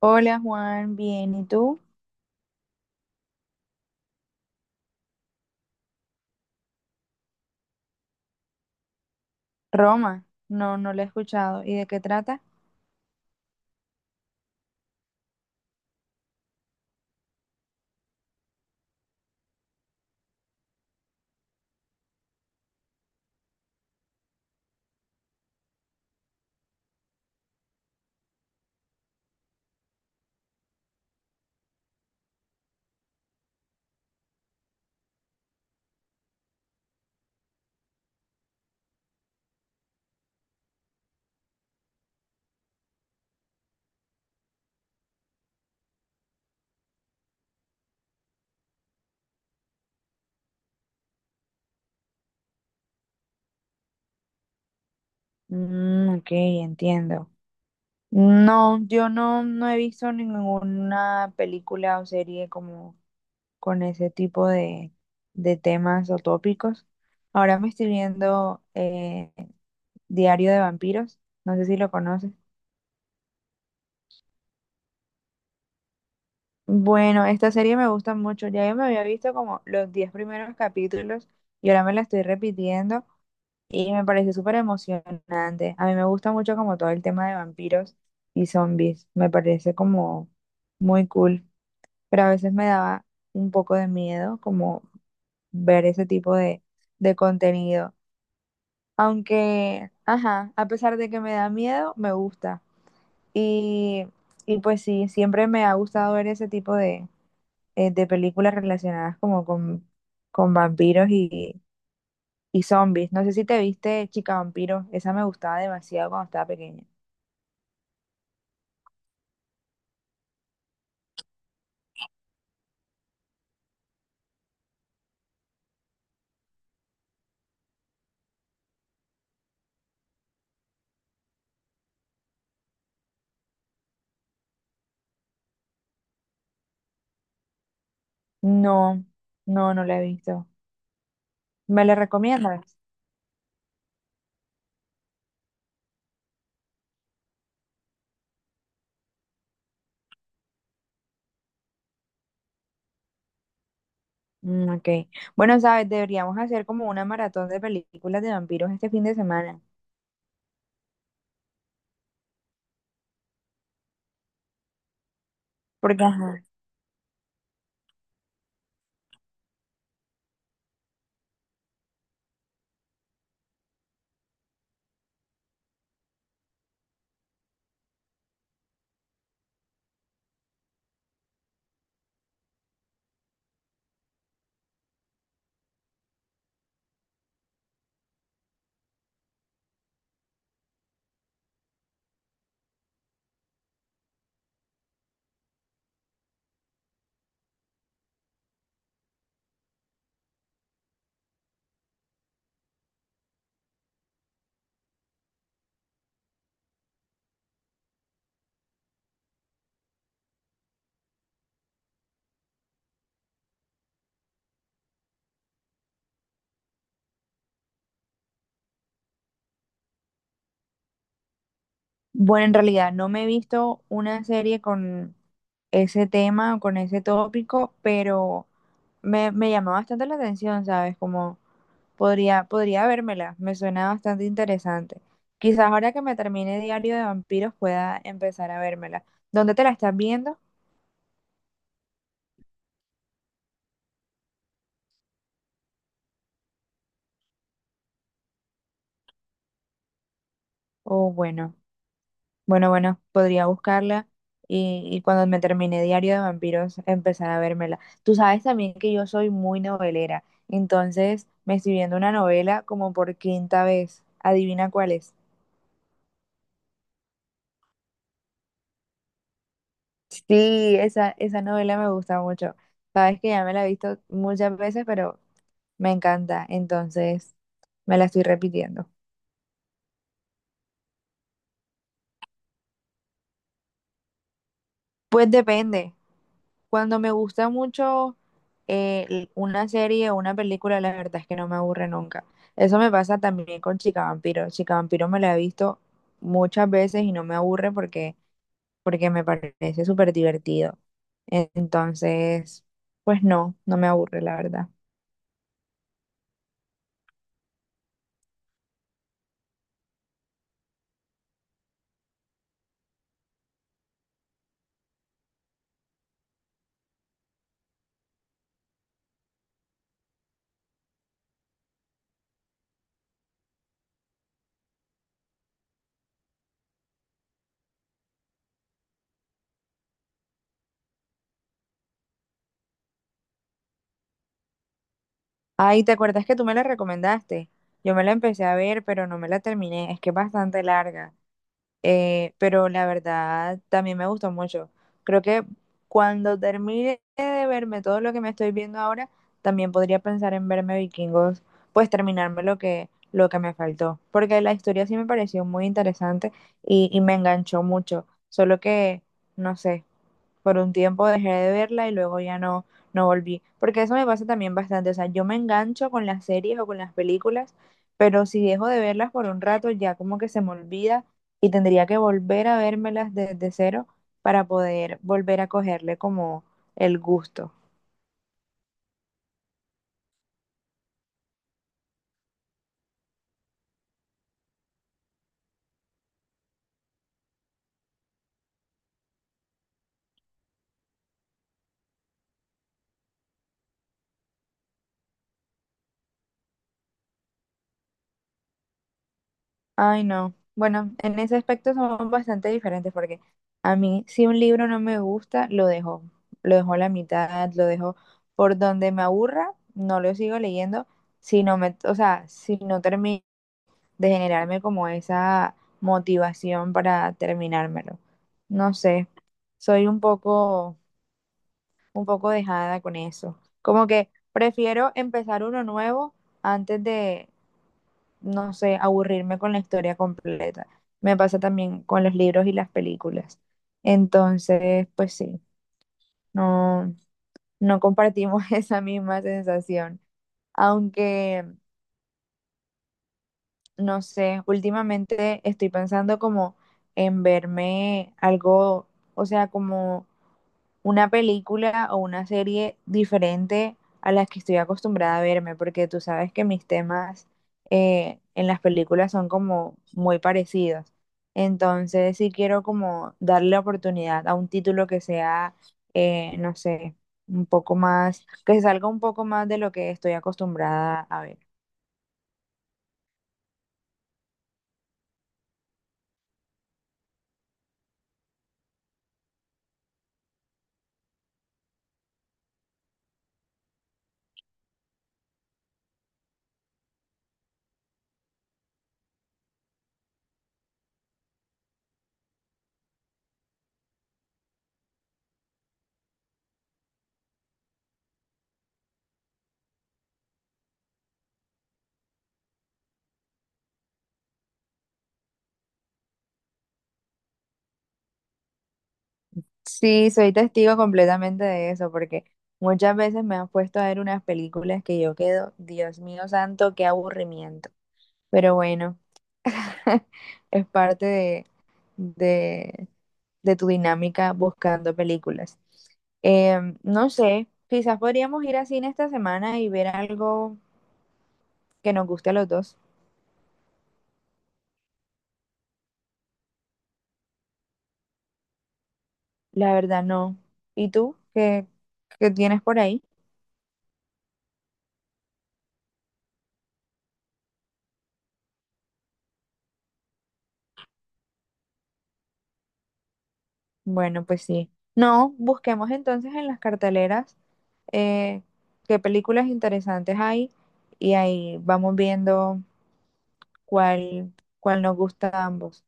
Hola Juan, bien, ¿y tú? Roma, no, no lo he escuchado. ¿Y de qué trata? Mm, ok, entiendo. No, yo no he visto ninguna película o serie como con ese tipo de temas o tópicos. Ahora me estoy viendo Diario de Vampiros, no sé si lo conoces. Bueno, esta serie me gusta mucho. Ya yo me había visto como los 10 primeros capítulos y ahora me la estoy repitiendo. Y me pareció súper emocionante. A mí me gusta mucho como todo el tema de vampiros y zombies. Me parece como muy cool. Pero a veces me daba un poco de miedo como ver ese tipo de contenido. Aunque, ajá, a pesar de que me da miedo, me gusta. Y, y pues sí, siempre me ha gustado ver ese tipo de películas relacionadas como con vampiros y zombies. No sé si te viste Chica Vampiro, esa me gustaba demasiado cuando estaba pequeña. No, no la he visto. ¿Me la recomiendas? Mm, ok. Bueno, sabes, deberíamos hacer como una maratón de películas de vampiros este fin de semana. Porque, ajá, bueno, en realidad no me he visto una serie con ese tema, o con ese tópico, pero me llamó bastante la atención, ¿sabes? Como podría, podría vérmela, me suena bastante interesante. Quizás ahora que me termine Diario de Vampiros pueda empezar a vérmela. ¿Dónde te la estás viendo? Oh, bueno, bueno, podría buscarla y cuando me termine Diario de Vampiros empezar a vérmela. Tú sabes también que yo soy muy novelera, entonces me estoy viendo una novela como por quinta vez. Adivina cuál es. Sí, esa novela me gusta mucho. Sabes que ya me la he visto muchas veces, pero me encanta, entonces me la estoy repitiendo. Pues depende. Cuando me gusta mucho una serie o una película, la verdad es que no me aburre nunca. Eso me pasa también con Chica Vampiro. Chica Vampiro me la he visto muchas veces y no me aburre porque me parece súper divertido. Entonces, pues no, no me aburre, la verdad. Ay, ¿te acuerdas que tú me la recomendaste? Yo me la empecé a ver, pero no me la terminé. Es que es bastante larga. Pero la verdad también me gustó mucho. Creo que cuando termine de verme todo lo que me estoy viendo ahora, también podría pensar en verme Vikingos, pues terminarme lo que me faltó. Porque la historia sí me pareció muy interesante y me enganchó mucho. Solo que, no sé, por un tiempo dejé de verla y luego ya no volví. Porque eso me pasa también bastante. O sea, yo me engancho con las series o con las películas, pero si dejo de verlas por un rato, ya como que se me olvida y tendría que volver a vérmelas desde cero para poder volver a cogerle como el gusto. Ay, no. Bueno, en ese aspecto somos bastante diferentes porque a mí si un libro no me gusta, lo dejo. Lo dejo a la mitad, lo dejo por donde me aburra, no lo sigo leyendo, si no me, o sea, si no termino de generarme como esa motivación para terminármelo. No sé, soy un poco dejada con eso. Como que prefiero empezar uno nuevo antes de, no sé, aburrirme con la historia completa. Me pasa también con los libros y las películas. Entonces, pues sí, no, no compartimos esa misma sensación. Aunque, no sé, últimamente estoy pensando como en verme algo, o sea, como una película o una serie diferente a las que estoy acostumbrada a verme, porque tú sabes que mis temas en las películas son como muy parecidos. Entonces, sí quiero como darle oportunidad a un título que sea, no sé, un poco más, que se salga un poco más de lo que estoy acostumbrada a ver. Sí, soy testigo completamente de eso, porque muchas veces me han puesto a ver unas películas que yo quedo, Dios mío santo, qué aburrimiento. Pero bueno. Es parte de, de tu dinámica buscando películas. No sé, quizás podríamos ir a cine esta semana y ver algo que nos guste a los dos. La verdad, no. ¿Y tú? ¿Qué, qué tienes por ahí? Bueno, pues sí. No, busquemos entonces en las carteleras eh, qué películas interesantes hay y ahí vamos viendo cuál, cuál nos gusta a ambos.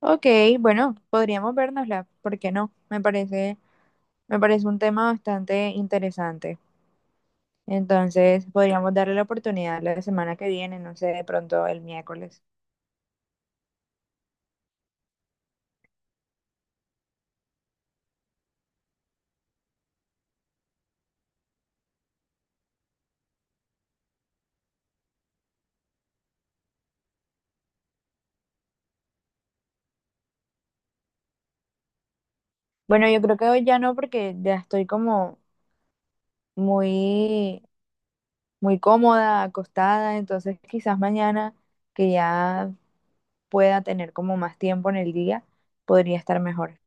Ok, bueno, podríamos vernosla, ¿por qué no? Me parece un tema bastante interesante. Entonces, podríamos darle la oportunidad la semana que viene, no sé, de pronto el miércoles. Bueno, yo creo que hoy ya no, porque ya estoy como muy, muy cómoda, acostada, entonces quizás mañana, que ya pueda tener como más tiempo en el día, podría estar mejor.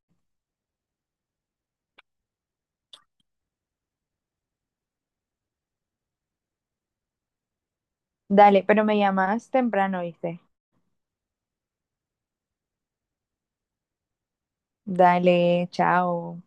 Dale, pero me llamas temprano, ¿viste? Dale, chao.